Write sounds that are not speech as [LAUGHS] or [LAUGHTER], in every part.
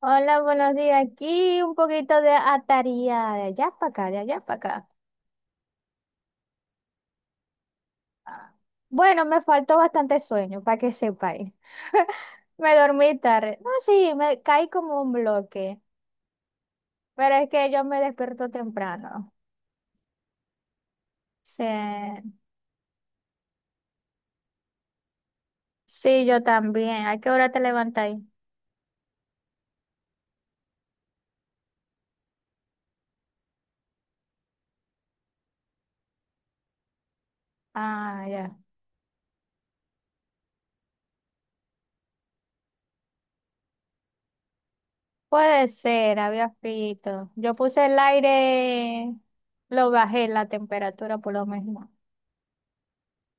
Hola, buenos días. Aquí un poquito de ataría de allá para acá, de allá para acá. Ah. Bueno, me faltó bastante sueño, para que sepáis. [LAUGHS] Me dormí tarde. No, sí, me caí como un bloque, pero es que yo me despierto temprano. Sí, sí, yo también. ¿A qué hora te levantáis? Ah, ya. Puede ser, había frito. Yo puse el aire, lo bajé la temperatura por lo menos.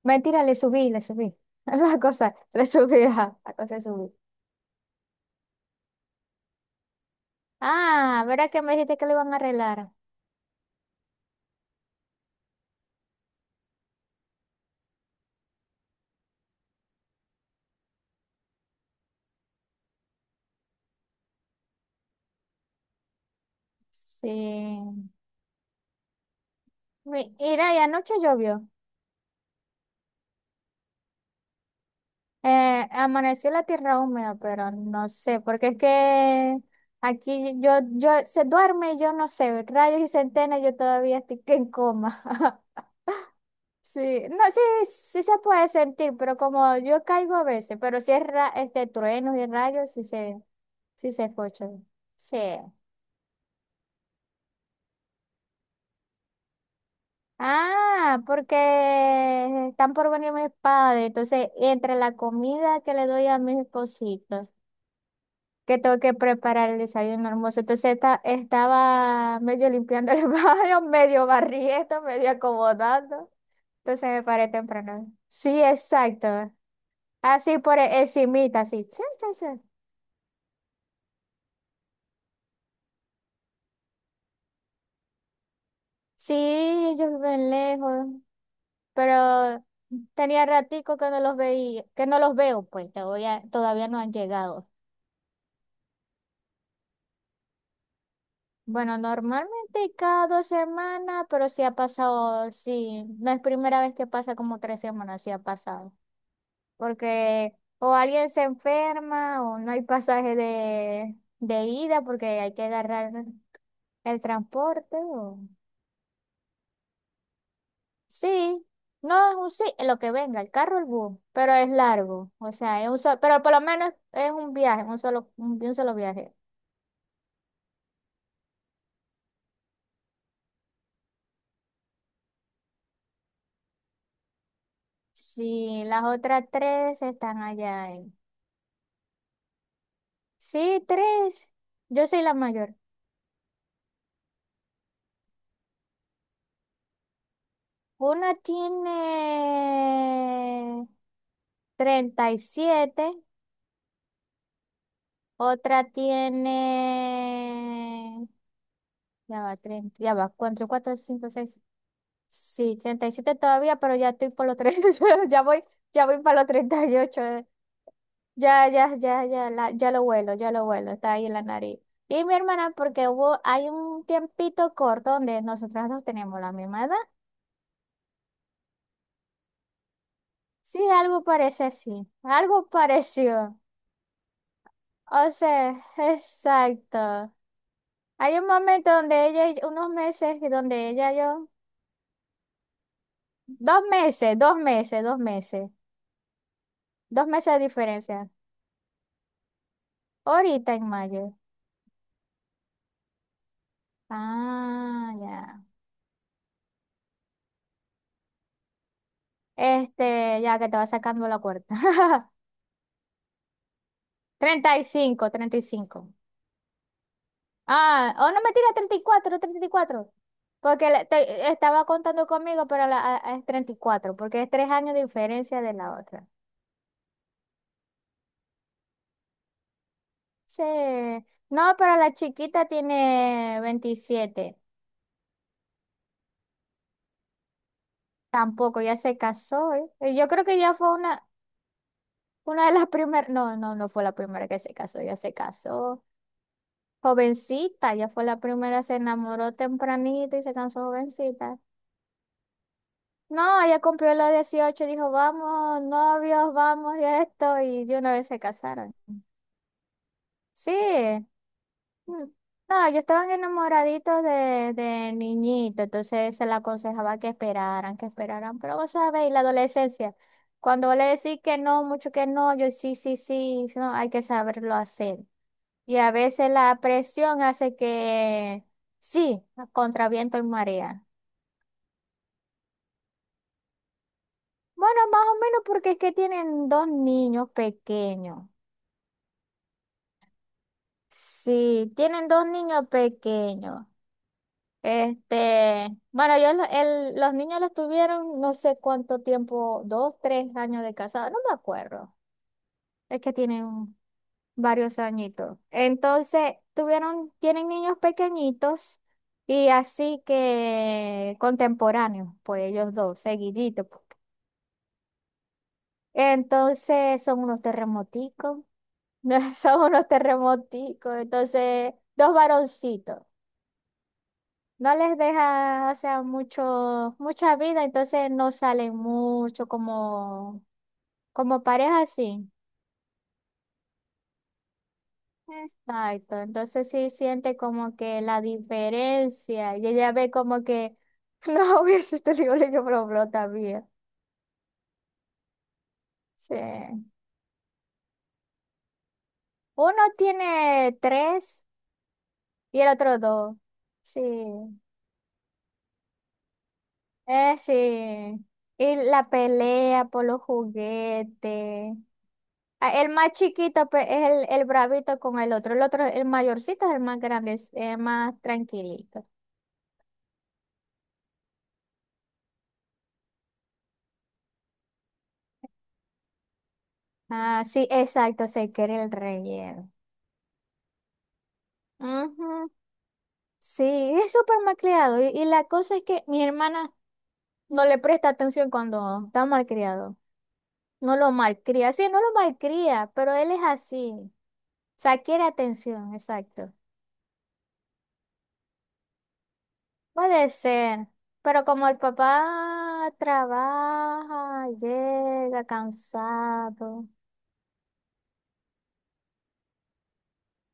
Mentira, le subí, le subí. [LAUGHS] La cosa, le subí, ajá, la cosa le subí. Ah, ¿verdad que me dijiste que lo iban a arreglar? Sí. Mira, y anoche llovió. Amaneció la tierra húmeda, pero no sé, porque es que aquí yo se duerme y yo no sé, rayos y centenas, yo todavía estoy que en coma. [LAUGHS] Sí, no, sí, sí se puede sentir, pero como yo caigo a veces, pero si es este trueno y rayos, sí se escucha. Sí. Ah, porque están por venir mis padres. Entonces, entre la comida que le doy a mis espositos, que tengo que preparar el desayuno hermoso. Entonces, estaba medio limpiando el [LAUGHS] baño, medio barriendo, medio acomodando. Entonces, me paré temprano. Sí, exacto. Así por encimita, así. Cha, cha, cha. Sí, ellos viven lejos, pero tenía ratico que no los veía, que no los veo, pues todavía, todavía no han llegado. Bueno, normalmente cada 2 semanas, pero sí ha pasado, sí, no es primera vez que pasa como 3 semanas, sí ha pasado. Porque o alguien se enferma o no hay pasaje de ida porque hay que agarrar el transporte. O... Sí, no es un sí, lo que venga, el carro o el bus, pero es largo, o sea, es un solo, pero por lo menos es un viaje, un solo, un solo viaje. Sí, las otras tres están allá. Sí, tres. Yo soy la mayor. Una tiene 37, otra tiene... Ya va, treinta, ya va, cuatro, cuatro, cinco, seis. Sí, 37 todavía, pero ya estoy por los 30, [LAUGHS] ya voy, para los 38. Ya, ya, ya, ya, ya lo vuelo, está ahí en la nariz. Y mi hermana, porque hubo, hay un tiempito corto donde nosotras no tenemos la misma edad. Sí, algo parece así, algo pareció. O sea, [LAUGHS] exacto. Hay un momento donde ella, unos meses, y donde ella y yo, dos meses, dos meses, dos meses, dos meses de diferencia. Ahorita en mayo. Ah, ya. Ya que te va sacando la cuarta. [LAUGHS] 35. 35. Ah, oh, no me tira 34, 34, porque estaba contando conmigo, pero es 34, porque es 3 años de diferencia de la otra. Sí. No, pero la chiquita tiene 27. Tampoco, ya se casó. ¿Eh? Yo creo que ya fue una de las primeras. No, no, no fue la primera que se casó, ya se casó. Jovencita, ya fue la primera, se enamoró tempranito y se casó jovencita. No, ella cumplió los 18, dijo, vamos, novios, vamos, y esto, y de una vez se casaron. Sí. Mm. No, ellos estaban enamoraditos de niñito, entonces se le aconsejaba que esperaran, pero vos sabéis, la adolescencia, cuando vos le decís que no, mucho que no, yo sí, sí, sí, sí, no, hay que saberlo hacer. Y a veces la presión hace que sí, contra viento y marea. Bueno, más o menos porque es que tienen dos niños pequeños. Sí, tienen dos niños pequeños. Bueno, los niños los tuvieron no sé cuánto tiempo, dos, 3 años de casado, no me acuerdo. Es que tienen varios añitos. Entonces, tuvieron, tienen niños pequeñitos y así que contemporáneos, pues ellos dos, seguiditos, pues. Entonces, son unos terremoticos, [LAUGHS] son unos terremoticos, entonces, dos varoncitos. No les deja, o sea, mucho, mucha vida, entonces no salen mucho como pareja, sí. Exacto, entonces sí siente como que la diferencia y ella ve como que, [LAUGHS] no, hubiese te digo, yo, pero también. Sí. Uno tiene tres y el otro dos. Sí. Sí. Y la pelea por los juguetes. Ah, el más chiquito pues, es el bravito con el otro. El otro, el mayorcito es el más grande, es el más tranquilito. Ah, sí, exacto, se quiere el relleno. Ujú. Sí, es súper malcriado. Y la cosa es que mi hermana no le presta atención cuando está malcriado. No lo malcría. Sí, no lo malcría, pero él es así. O sea, quiere atención, exacto. Puede ser, pero como el papá trabaja, llega cansado,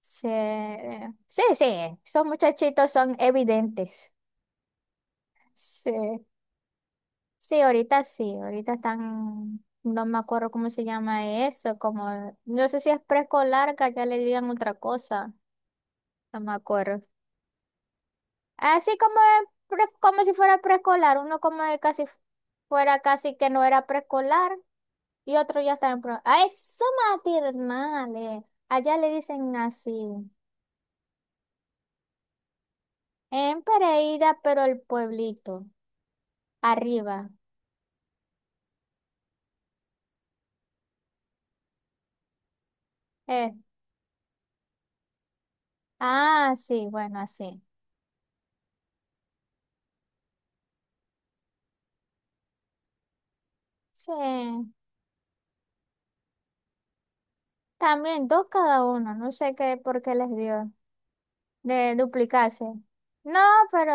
sí, sí, sí, esos muchachitos son evidentes. Sí, sí, ahorita están, no me acuerdo cómo se llama eso, como, no sé si es preescolar, que ya le digan otra cosa, no me acuerdo. Así como, es como si fuera preescolar, uno como de casi fuera casi que no era preescolar. Y otro ya está en pro. ¡Ah, eso maternales! Allá le dicen así. En Pereira, pero el pueblito. Arriba. Eh. Ah, sí, bueno, así. Sí. También dos cada uno. No sé qué por qué les dio. De duplicarse. No, pero.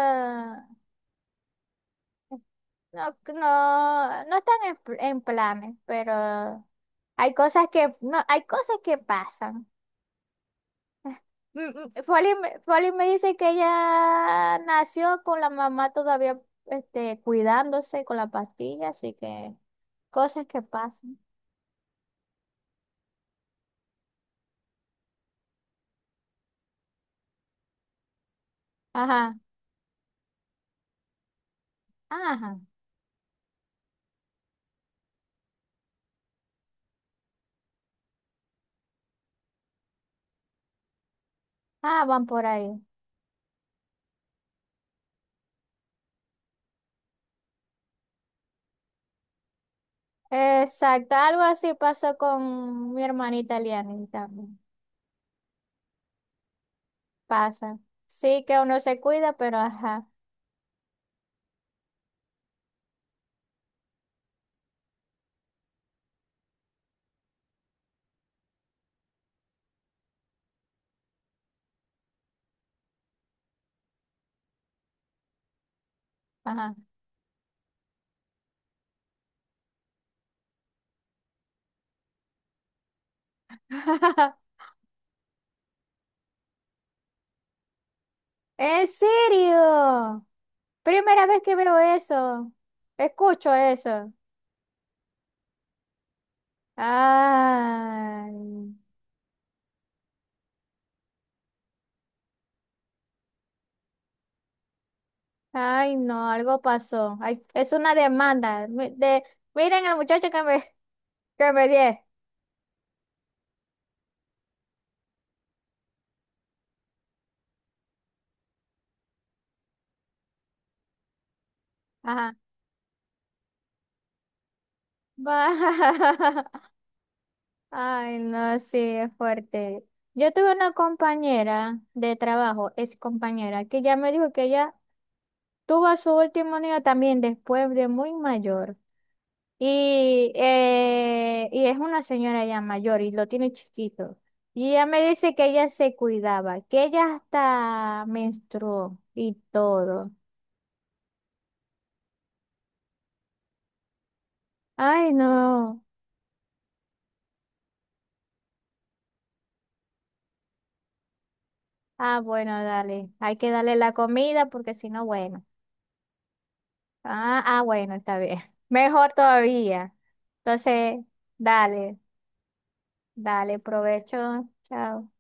No, no, no están en planes, pero hay cosas que. No, hay cosas que pasan. Mm, mm, Folly, me dice que ella nació con la mamá todavía cuidándose con la pastilla, así que cosas que pasan. Ajá, ajá, ah, van por ahí. Exacto, algo así pasó con mi hermanita Liani también. Pasa. Sí que uno se cuida, pero ajá, ajá. [LAUGHS] ¿En serio? Primera vez que veo eso. Escucho eso. Ay. Ay, no, algo pasó. Ay, es una demanda. Miren al muchacho que me, [LAUGHS] que me di. Ajá. Va- [LAUGHS] Ay, no, sí, es fuerte. Yo tuve una compañera de trabajo, ex compañera, que ya me dijo que ella tuvo a su último niño también después de muy mayor. Y es una señora ya mayor y lo tiene chiquito. Y ella me dice que ella se cuidaba, que ella hasta menstruó y todo. Ay, no. Ah, bueno, dale. Hay que darle la comida porque si no, bueno. Ah, ah, bueno, está bien. [LAUGHS] Mejor todavía. Entonces, dale, dale, provecho. Chao.